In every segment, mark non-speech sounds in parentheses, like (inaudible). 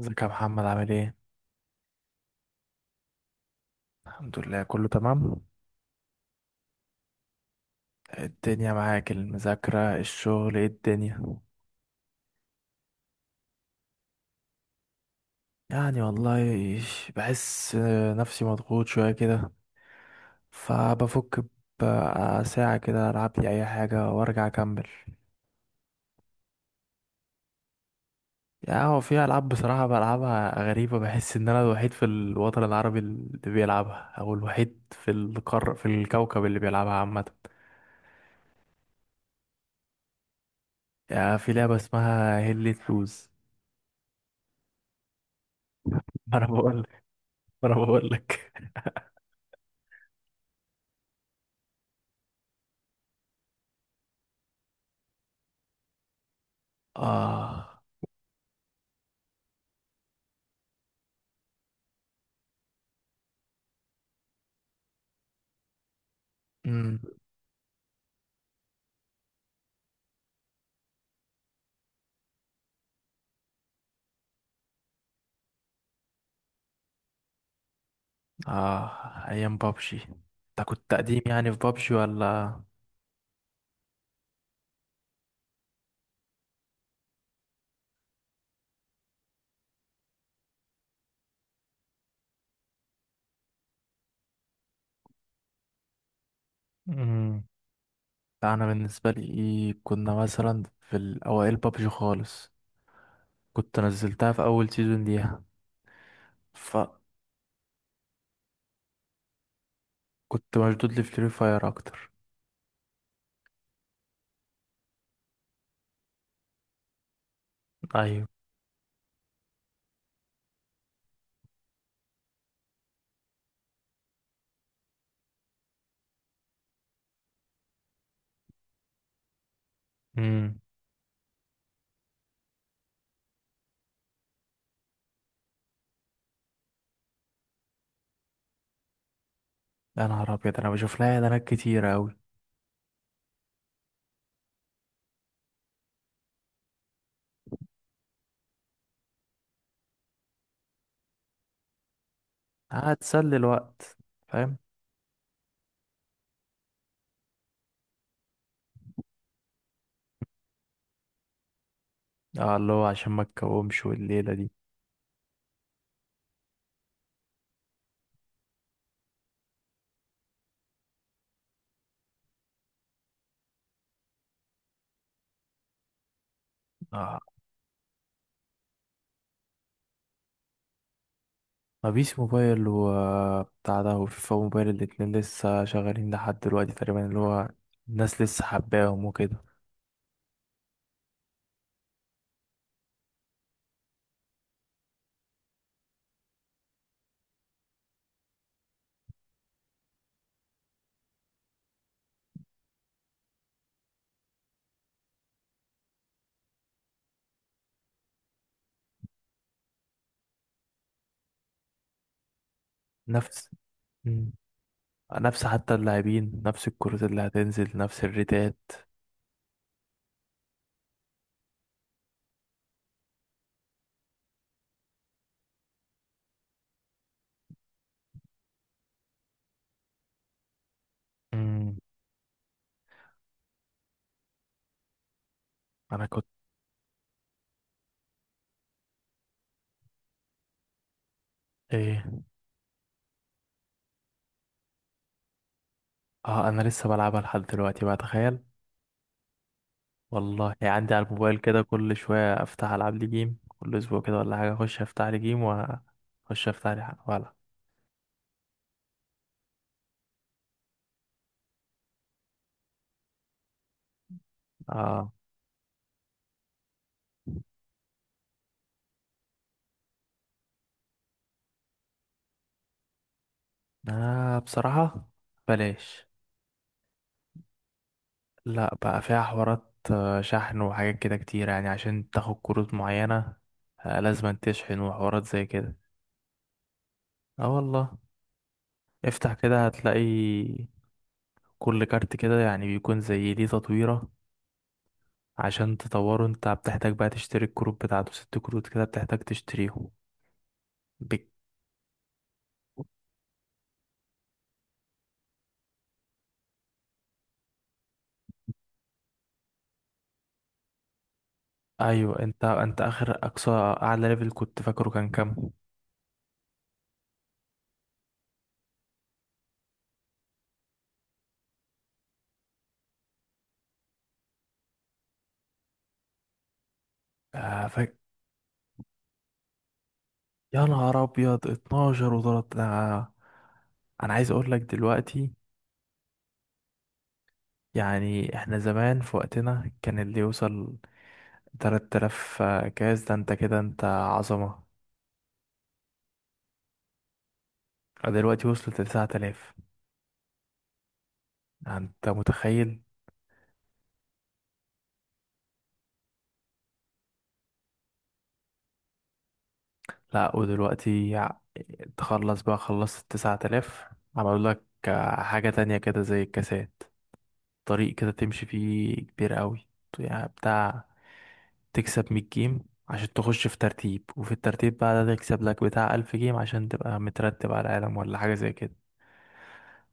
ازيك يا محمد عامل ايه؟ الحمد لله، كله تمام. الدنيا معاك، المذاكرة، الشغل، ايه الدنيا؟ يعني والله، بحس نفسي مضغوط شوية كده، فبفك بقى ساعة كده ألعب لي أي حاجة وأرجع أكمل. يعني هو في ألعاب بصراحة بلعبها غريبة، بحس إن أنا الوحيد في الوطن العربي اللي بيلعبها، أو الوحيد في الكوكب اللي بيلعبها عامة. يعني في لعبة اسمها هيل لوز. (laughs) ما أنا بقول لك، ما أنا بقول لك. (laughs) آه. امم اه، ايام بابجي. انت كنت قديم يعني في بابجي ولا؟ امم لا، انا بالنسبه لي كنا مثلا في الاوائل بابجي خالص. كنت نزلتها في اول سيزون ليها. فكنت مشدود لفري فاير اكتر. ايوه. امم يا نهار ابيض، انا بشوف لها اعلانات كتيره قوي. هتسلي الوقت، فاهم. اه، اللي هو عشان ما تكومش والليله دي. اه، ما فيش موبايل وبتاع ده، وفيفا موبايل الاتنين لسه شغالين لحد دلوقتي تقريبا، اللي هو الناس لسه حباهم وكده. نفس. مم. نفس حتى اللاعبين، نفس الكروت اللي هتنزل، نفس الريتات. امم انا كنت ايه؟ اه، انا لسه بلعبها لحد دلوقتي بقى، تخيل. والله يعني عندي على الموبايل كده، كل شويه افتح العب لي جيم، كل اسبوع كده ولا حاجه اخش افتح لي جيم واخش افتح لي حاجه ولا. اه، انا بصراحه، بلاش. لا بقى، فيها حوارات شحن وحاجات كده كتير، يعني عشان تاخد كروت معينة. آه، لازم تشحن وحوارات زي كده. اه والله. افتح كده هتلاقي. كل كارت كده يعني بيكون زي ليه تطويرة. عشان تطوره انت بتحتاج بقى تشتري الكروت بتاعته، ست كروت كده بتحتاج تشتريهم. بك... ايوه، انت اخر اقصى اعلى ليفل كنت فاكره كان كام؟ آه فاك... يا نهار ابيض، 12 و3. انا عايز اقول لك دلوقتي، يعني احنا زمان في وقتنا كان اللي يوصل 3000 كاس ده، انت كده انت عظمة. دلوقتي وصلت لتسعة آلاف. يعني انت متخيل؟ لا ودلوقتي تخلص بقى، خلصت 9000. عملوا لك حاجة تانية كده زي الكاسات، طريق كده تمشي فيه كبير قوي، يعني بتاع تكسب 100 جيم عشان تخش في ترتيب، وفي الترتيب بقى ده تكسب لك بتاع 1000 جيم عشان تبقى مترتب على العالم، ولا حاجة زي كده.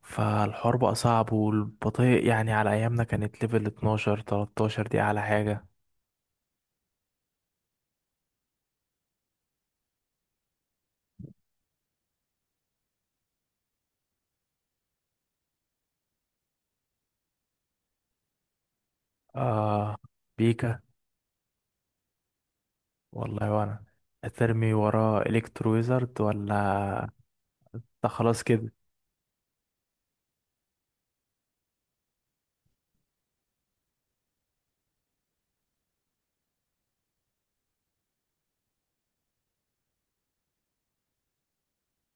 فالحوار بقى صعب والبطيء. يعني على ايامنا كانت ليفل 12 13 دي اعلى حاجة. آه، بيكا. والله وانا هترمي وراه الكترو ويزرد ولا؟ ده خلاص كده.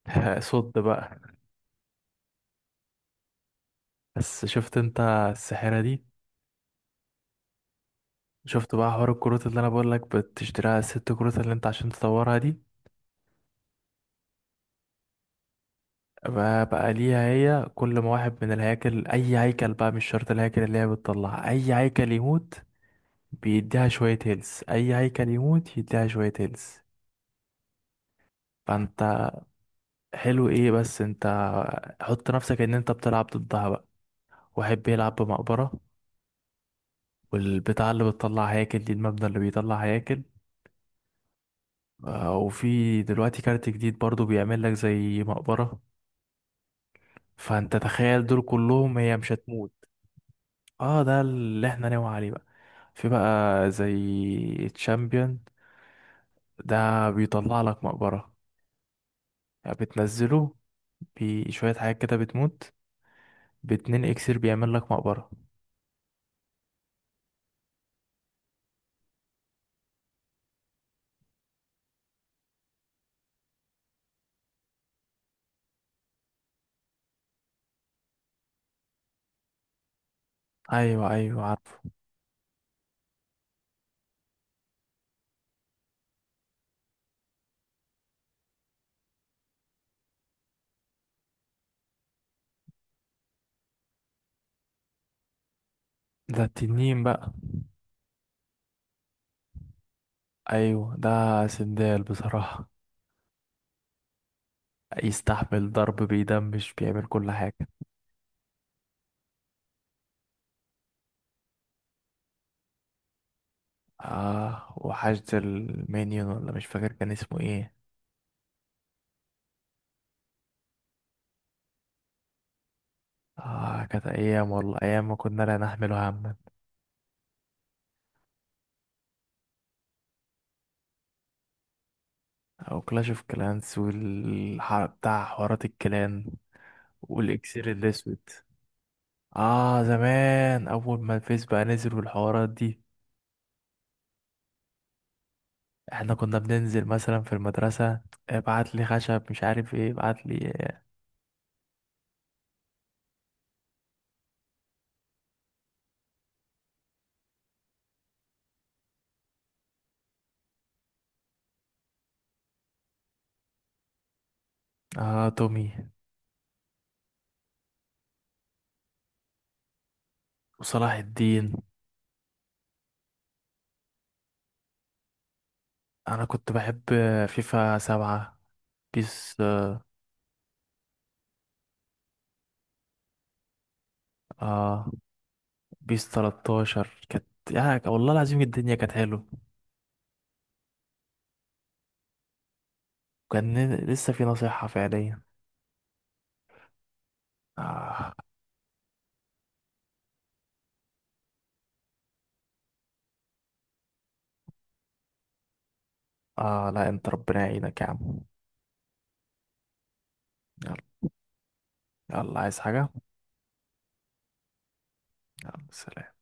(laughs) صد بقى. بس شفت انت السحرة دي. شفت بقى حوار الكروت اللي انا بقول لك بتشتريها، الست كروت اللي انت عشان تطورها دي؟ بقى ليها هي، كل ما واحد من الهياكل، اي هيكل بقى، مش شرط الهياكل اللي هي بتطلع، اي هيكل يموت بيديها شوية هيلث، أي هيكل يموت يديها شوية هيلث. فأنت، حلو إيه بس؟ أنت حط نفسك إن أنت بتلعب ضدها بقى، واحد بيلعب بمقبرة، والبتاع اللي بتطلع هياكل دي، المبنى اللي بيطلع هياكل. آه، وفي دلوقتي كارت جديد برضو بيعمل لك زي مقبرة، فأنت تخيل دول كلهم، هي مش هتموت. اه، ده اللي احنا ناوي عليه بقى. في بقى زي تشامبيون، ده بيطلع لك مقبرة، يعني بتنزله بشوية حاجات كده بتموت، باتنين اكسير بيعمل لك مقبرة. ايوه، ايوه عارفه. ده التنين بقى. ايوه، ده سندال بصراحة، يستحمل ضرب بيدمش بيعمل كل حاجة. اه، وحشد المينيون ولا، مش فاكر كان اسمه ايه. اه، كانت ايام والله، ايام ما كنا لا نحمل هما. او كلاش اوف كلانس والحرب بتاع حوارات الكلان. والاكسير الاسود. اه زمان، اول ما الفيس بقى نزل والحوارات دي. احنا كنا بننزل مثلا في المدرسة، ابعت لي خشب، مش عارف ايه، ابعت لي. اه، تومي. وصلاح الدين. انا كنت بحب فيفا 7. بيس اه بيس 13 كانت. يعني والله العظيم الدنيا كانت حلوة. وكان لسه في نصيحة فعليا. اه. اه لا، انت ربنا يعينك يا عم. يلا. يلا، عايز حاجة؟ يلا، سلام.